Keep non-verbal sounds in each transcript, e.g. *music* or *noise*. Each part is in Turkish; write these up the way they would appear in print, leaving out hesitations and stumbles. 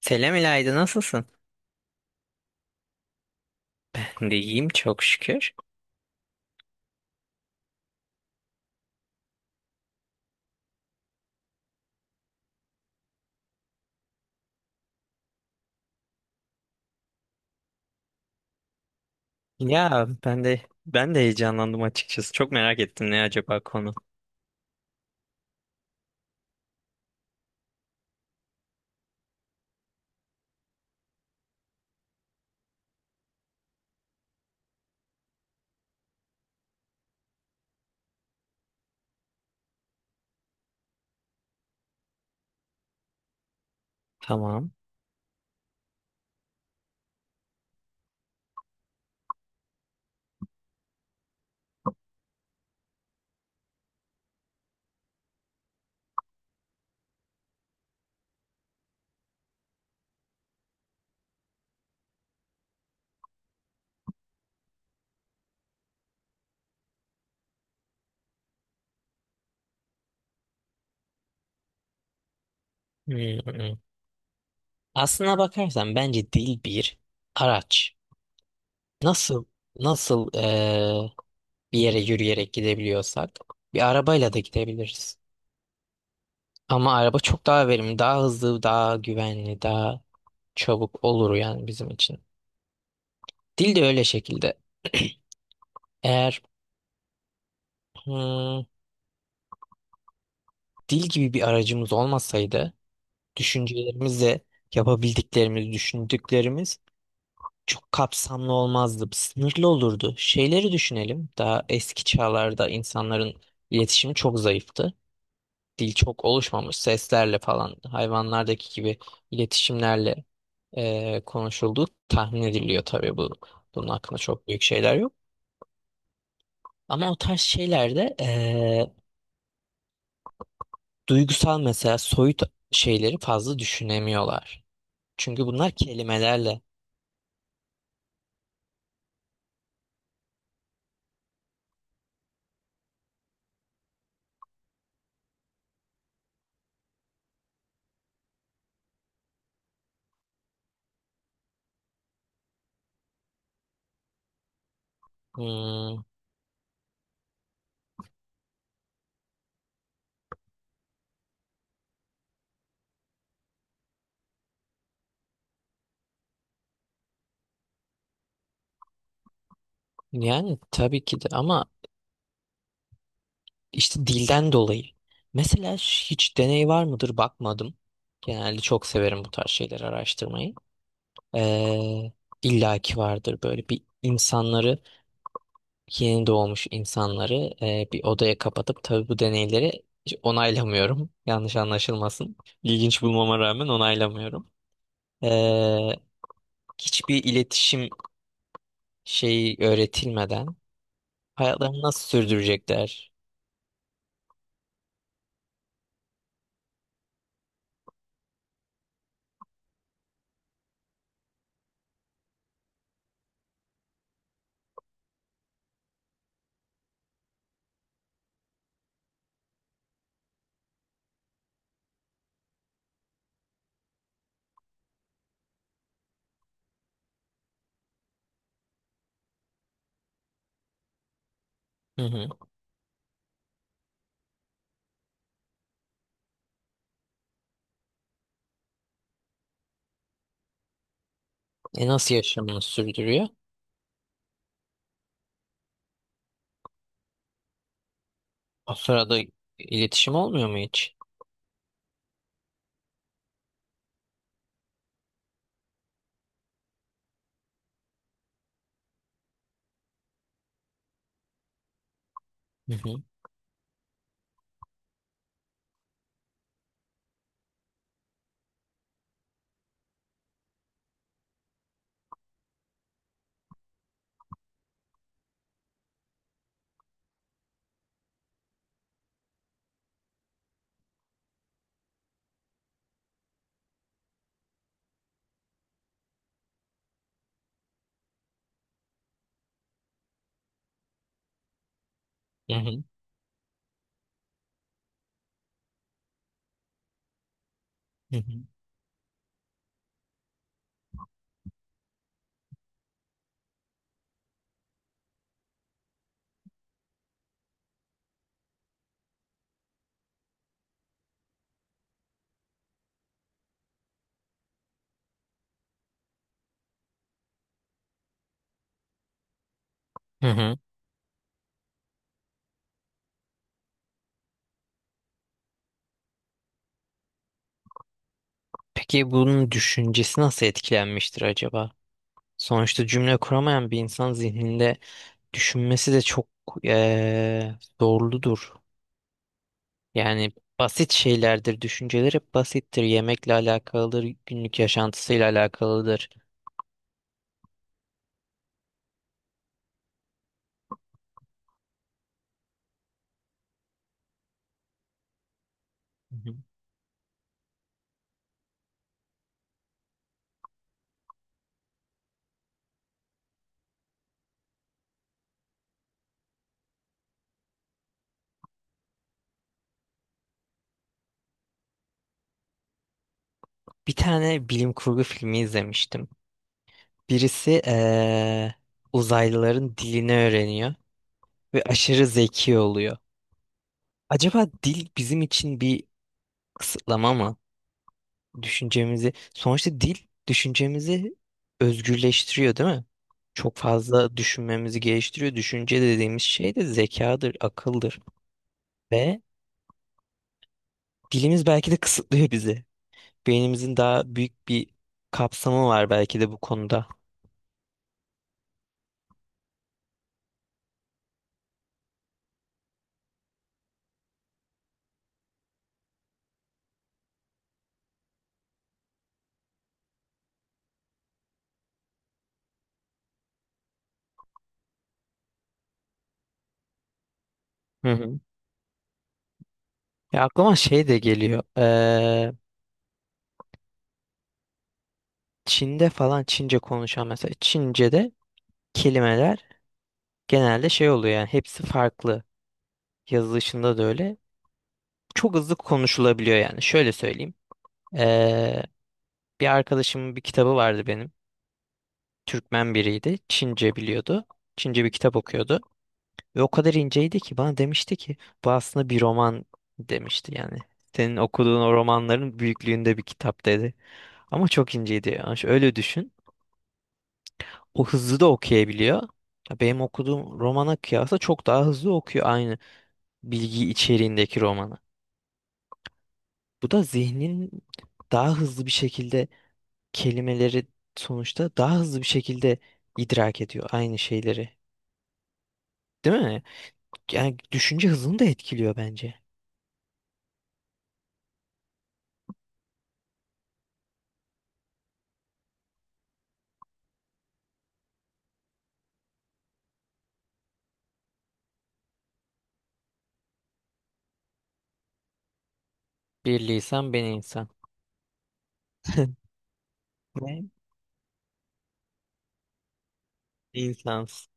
Selam İlayda, nasılsın? Ben de iyiyim, çok şükür. Ya ben de heyecanlandım açıkçası. Çok merak ettim, ne acaba konu. Tamam. Hmm. Aslına bakarsan bence dil bir araç. Nasıl nasıl bir yere yürüyerek gidebiliyorsak bir arabayla da gidebiliriz. Ama araba çok daha verimli, daha hızlı, daha güvenli, daha çabuk olur yani bizim için. Dil de öyle şekilde. *clears throat* Eğer hmm, dil gibi bir aracımız olmasaydı düşüncelerimizle yapabildiklerimiz, düşündüklerimiz çok kapsamlı olmazdı. Sınırlı olurdu. Şeyleri düşünelim. Daha eski çağlarda insanların iletişimi çok zayıftı. Dil çok oluşmamış. Seslerle falan hayvanlardaki gibi iletişimlerle konuşulduğu tahmin ediliyor, tabii bu. Bunun hakkında çok büyük şeyler yok. Ama o tarz şeylerde duygusal, mesela soyut şeyleri fazla düşünemiyorlar. Çünkü bunlar kelimelerle. hmm, Yani tabii ki de, ama işte dilden dolayı. Mesela hiç deney var mıdır, bakmadım. Genelde çok severim bu tarz şeyleri araştırmayı. Ee, illa vardır, böyle bir insanları, yeni doğmuş insanları bir odaya kapatıp, tabii bu deneyleri hiç onaylamıyorum. *laughs* Yanlış anlaşılmasın. İlginç bulmama rağmen onaylamıyorum. Ee, hiçbir iletişim şeyi öğretilmeden hayatlarını nasıl sürdürecekler? Hı hı. E, nasıl yaşamını sürdürüyor? O sırada iletişim olmuyor mu hiç? Hı hı. Hı hı. Hı hı. Hı hı. Peki bunun düşüncesi nasıl etkilenmiştir acaba? Sonuçta cümle kuramayan bir insan zihninde düşünmesi de çok zorludur. Yani basit şeylerdir. Düşünceler hep basittir. Yemekle alakalıdır, günlük yaşantısıyla alakalıdır. Hı hı. Bir tane bilim kurgu filmi izlemiştim. Birisi uzaylıların dilini öğreniyor ve aşırı zeki oluyor. Acaba dil bizim için bir kısıtlama mı? Düşüncemizi, sonuçta dil düşüncemizi özgürleştiriyor, değil mi? Çok fazla düşünmemizi geliştiriyor. Düşünce dediğimiz şey de zekadır, akıldır ve dilimiz belki de kısıtlıyor bizi. Beynimizin daha büyük bir kapsamı var belki de bu konuda. Hı hı. Ya aklıma şey de geliyor. Çin'de falan Çince konuşan, mesela Çince'de kelimeler genelde şey oluyor, yani hepsi farklı. Yazılışında da öyle. Çok hızlı konuşulabiliyor yani. Şöyle söyleyeyim. Ee, bir arkadaşımın bir kitabı vardı benim. Türkmen biriydi. Çince biliyordu. Çince bir kitap okuyordu. Ve o kadar inceydi ki bana demişti ki bu aslında bir roman demişti yani. Senin okuduğun o romanların büyüklüğünde bir kitap, dedi. Ama çok inceydi. Yani öyle düşün. O hızlı da okuyabiliyor. Ya benim okuduğum romana kıyasla çok daha hızlı okuyor aynı bilgi içeriğindeki romanı. Bu da zihnin daha hızlı bir şekilde kelimeleri, sonuçta daha hızlı bir şekilde idrak ediyor aynı şeyleri. Değil mi? Yani düşünce hızını da etkiliyor bence. Bir lisan, ben insan. *laughs* Ne? İnsans.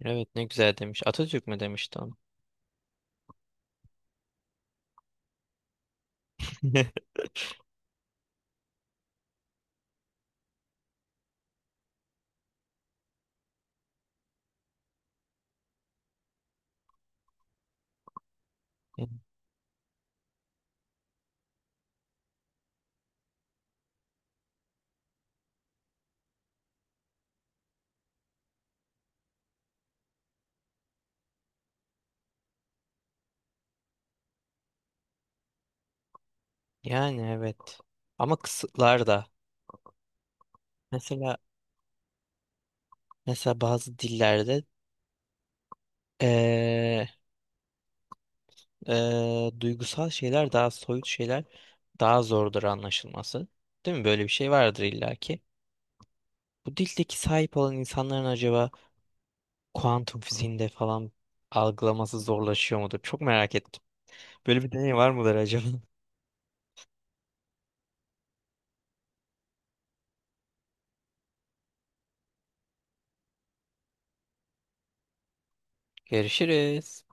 Evet, ne güzel demiş. Atatürk mü demişti onu? *laughs* Yani evet. Ama kısıtlar da. Mesela mesela bazı dillerde Ee, duygusal şeyler, daha soyut şeyler daha zordur anlaşılması. Değil mi? Böyle bir şey vardır illaki. Bu dildeki sahip olan insanların acaba kuantum fiziğinde falan algılaması zorlaşıyor mudur? Çok merak ettim. Böyle bir deney var mıdır acaba? *laughs* Görüşürüz.